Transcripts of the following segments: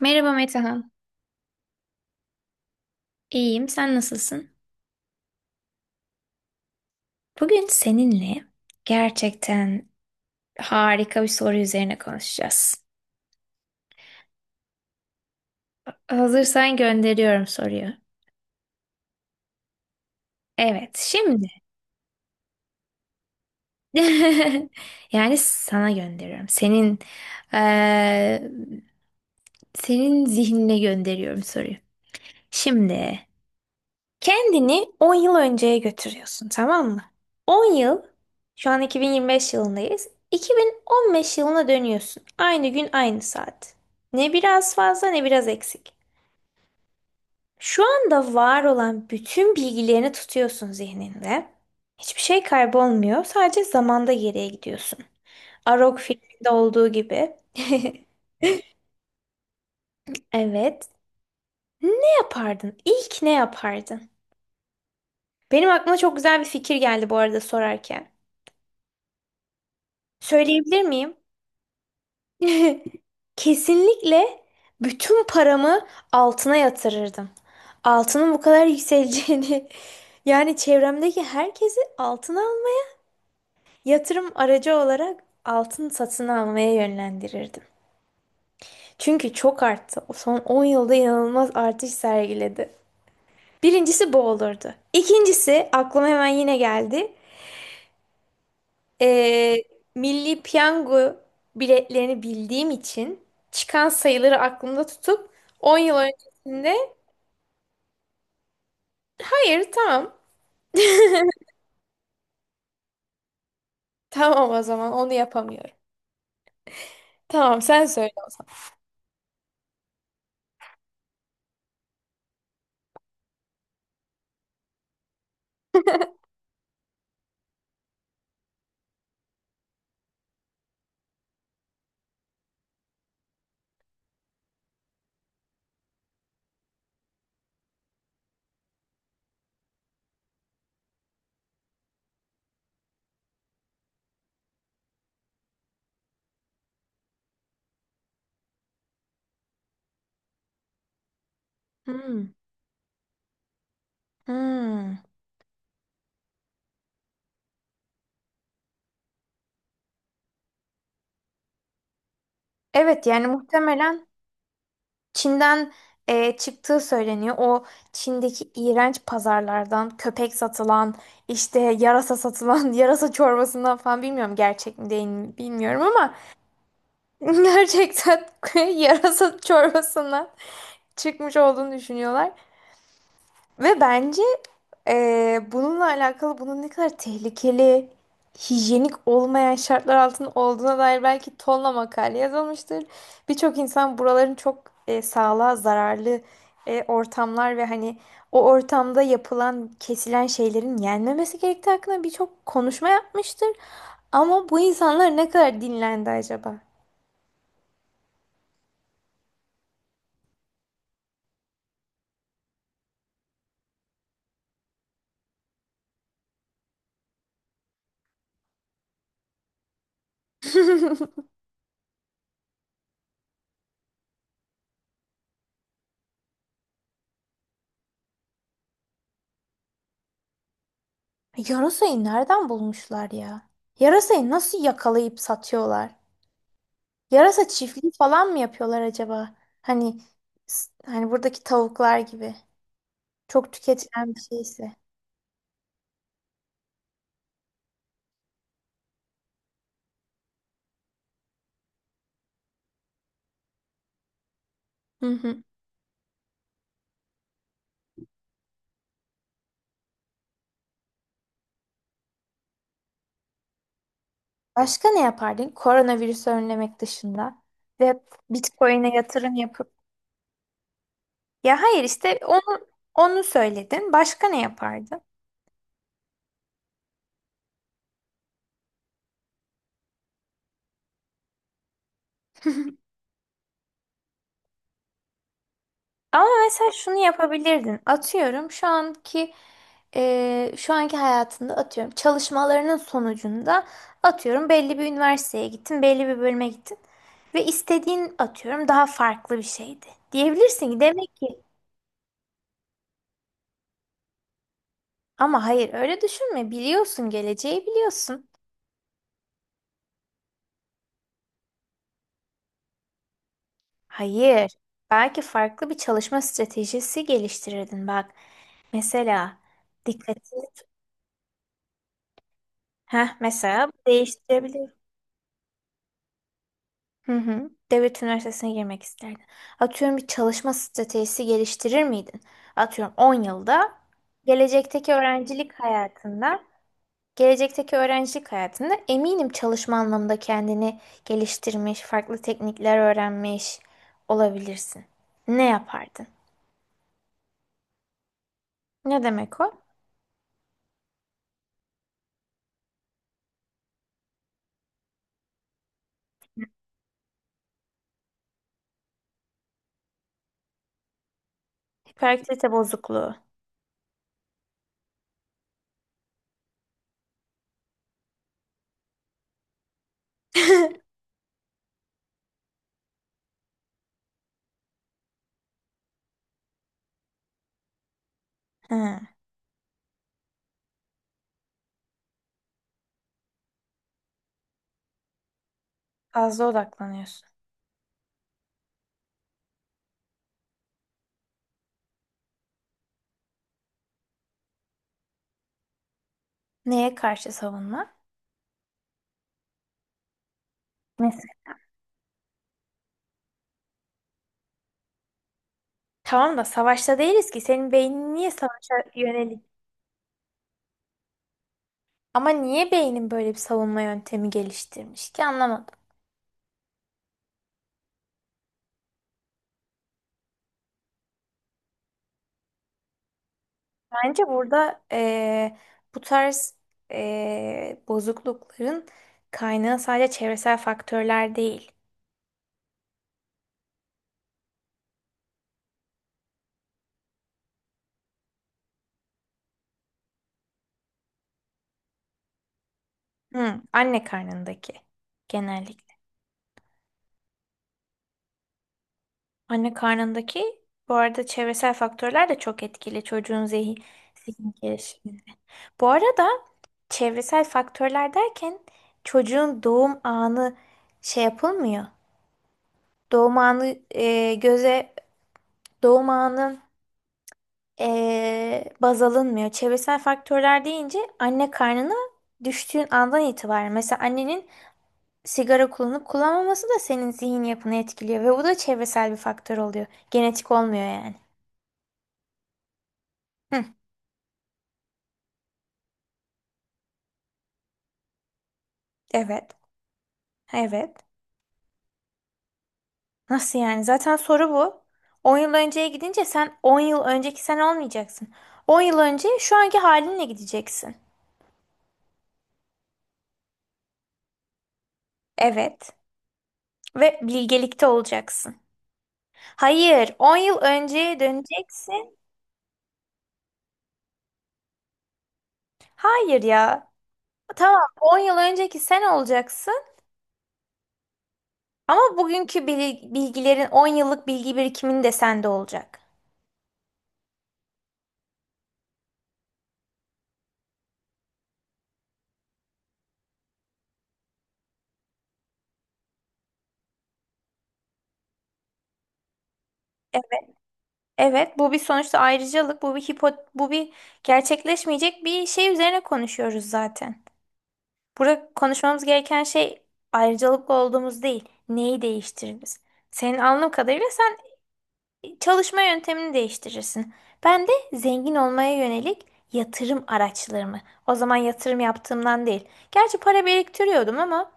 Merhaba Metehan. İyiyim, sen nasılsın? Bugün seninle gerçekten harika bir soru üzerine konuşacağız. Hazırsan gönderiyorum soruyu. Evet, şimdi. Yani sana gönderiyorum. Senin eee, senin zihnine gönderiyorum soruyu. Şimdi kendini 10 yıl önceye götürüyorsun, tamam mı? 10 yıl, şu an 2025 yılındayız. 2015 yılına dönüyorsun. Aynı gün aynı saat. Ne biraz fazla ne biraz eksik. Şu anda var olan bütün bilgilerini tutuyorsun zihninde. Hiçbir şey kaybolmuyor. Sadece zamanda geriye gidiyorsun. Arog filminde olduğu gibi. Evet. Ne yapardın? İlk ne yapardın? Benim aklıma çok güzel bir fikir geldi bu arada sorarken. Söyleyebilir miyim? Kesinlikle bütün paramı altına yatırırdım. Altının bu kadar yükseleceğini yani çevremdeki herkesi altına al, yatırım aracı olarak altın satın almaya yönlendirirdim. Çünkü çok arttı. O son 10 yılda inanılmaz artış sergiledi. Birincisi bu olurdu. İkincisi aklıma hemen yine geldi. Ee, Milli Piyango biletlerini bildiğim için çıkan sayıları aklımda tutup 10 yıl öncesinde hayır tamam, tamam o zaman onu yapamıyorum. Tamam sen söyle o zaman. Hmm, hmm. Evet yani muhtemelen Çin'den çıktığı söyleniyor. O Çin'deki iğrenç pazarlardan köpek satılan, işte yarasa satılan yarasa çorbasından falan, bilmiyorum gerçek mi değil mi bilmiyorum ama gerçekten yarasa çorbasından çıkmış olduğunu düşünüyorlar. Ve bence bununla alakalı bunun ne kadar tehlikeli, hijyenik olmayan şartlar altında olduğuna dair belki tonla makale yazılmıştır. Birçok insan buraların çok sağlığa zararlı ortamlar ve hani o ortamda yapılan, kesilen şeylerin yenmemesi gerektiği hakkında birçok konuşma yapmıştır. Ama bu insanlar ne kadar dinlendi acaba? Yarasayı nereden bulmuşlar ya? Yarasayı nasıl yakalayıp satıyorlar? Yarasa çiftliği falan mı yapıyorlar acaba? Hani hani buradaki tavuklar gibi. Çok tüketilen bir şeyse. Hı hı. Başka ne yapardın? Koronavirüsü önlemek dışında ve Bitcoin'e yatırım yapıp. Ya hayır işte onu, onu söyledin. Başka ne yapardın? Ama mesela şunu yapabilirdin. Atıyorum şu anki şu anki hayatında, atıyorum çalışmalarının sonucunda atıyorum belli bir üniversiteye gittin, belli bir bölüme gittin ve istediğin atıyorum daha farklı bir şeydi. Diyebilirsin ki demek ki, ama hayır öyle düşünme. Biliyorsun, geleceği biliyorsun. Hayır. Belki farklı bir çalışma stratejisi geliştirirdin bak. Mesela dikkatini heh, mesela değiştirebilir. Hı hı. Devlet üniversitesine girmek isterdin. Atıyorum bir çalışma stratejisi geliştirir miydin? Atıyorum 10 yılda, gelecekteki öğrencilik hayatında, gelecekteki öğrencilik hayatında eminim çalışma anlamında kendini geliştirmiş, farklı teknikler öğrenmiş olabilirsin. Ne yapardın? Ne demek o? Hiperaktivite bozukluğu. Hı, fazla odaklanıyorsun. Neye karşı savunma? Mesela. Tamam da savaşta değiliz ki. Senin beynin niye savaşa yönelik, ama niye beynin böyle bir savunma yöntemi geliştirmiş ki anlamadım. Bence burada bu tarz bozuklukların kaynağı sadece çevresel faktörler değil. Hı, anne karnındaki genellikle. Anne karnındaki, bu arada çevresel faktörler de çok etkili çocuğun zihin, zihin gelişiminde. Bu arada çevresel faktörler derken çocuğun doğum anı şey yapılmıyor. Doğum anı göze, doğum anı baz alınmıyor. Çevresel faktörler deyince anne karnına düştüğün andan itibaren, mesela annenin sigara kullanıp kullanmaması da senin zihin yapını etkiliyor ve bu da çevresel bir faktör oluyor. Genetik olmuyor yani. Hı, evet. Evet. Nasıl yani? Zaten soru bu. On yıl önceye gidince sen 10 yıl önceki sen olmayacaksın. On yıl önce şu anki halinle gideceksin. Evet. Ve bilgelikte olacaksın. Hayır, 10 yıl önceye döneceksin. Hayır ya. Tamam, on yıl önceki sen olacaksın ama bugünkü bilgilerin, 10 yıllık bilgi birikimin de sende olacak. Evet, evet, bu bir sonuçta ayrıcalık, bu bir hipo, bu bir gerçekleşmeyecek bir şey üzerine konuşuyoruz zaten. Burada konuşmamız gereken şey ayrıcalıklı olduğumuz değil, neyi değiştiririz. Senin anladığım kadarıyla sen çalışma yöntemini değiştirirsin. Ben de zengin olmaya yönelik yatırım araçlarımı. O zaman yatırım yaptığımdan değil. Gerçi para biriktiriyordum ama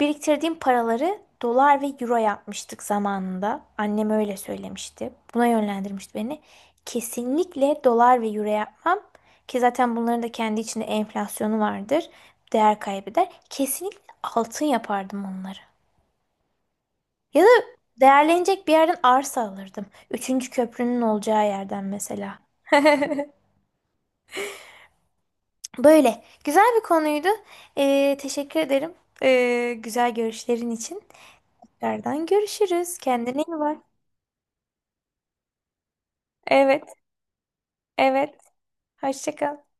biriktirdiğim paraları dolar ve euro yapmıştık zamanında. Annem öyle söylemişti. Buna yönlendirmişti beni. Kesinlikle dolar ve euro yapmam. Ki zaten bunların da kendi içinde enflasyonu vardır. Değer kaybeder. Kesinlikle altın yapardım onları. Ya da değerlenecek bir yerden arsa alırdım. Üçüncü köprünün olacağı yerden mesela. Böyle. Güzel bir konuydu. Teşekkür ederim. Güzel görüşlerin için. Tekrardan görüşürüz. Kendine iyi bak. Evet, evet. Hoşça kal.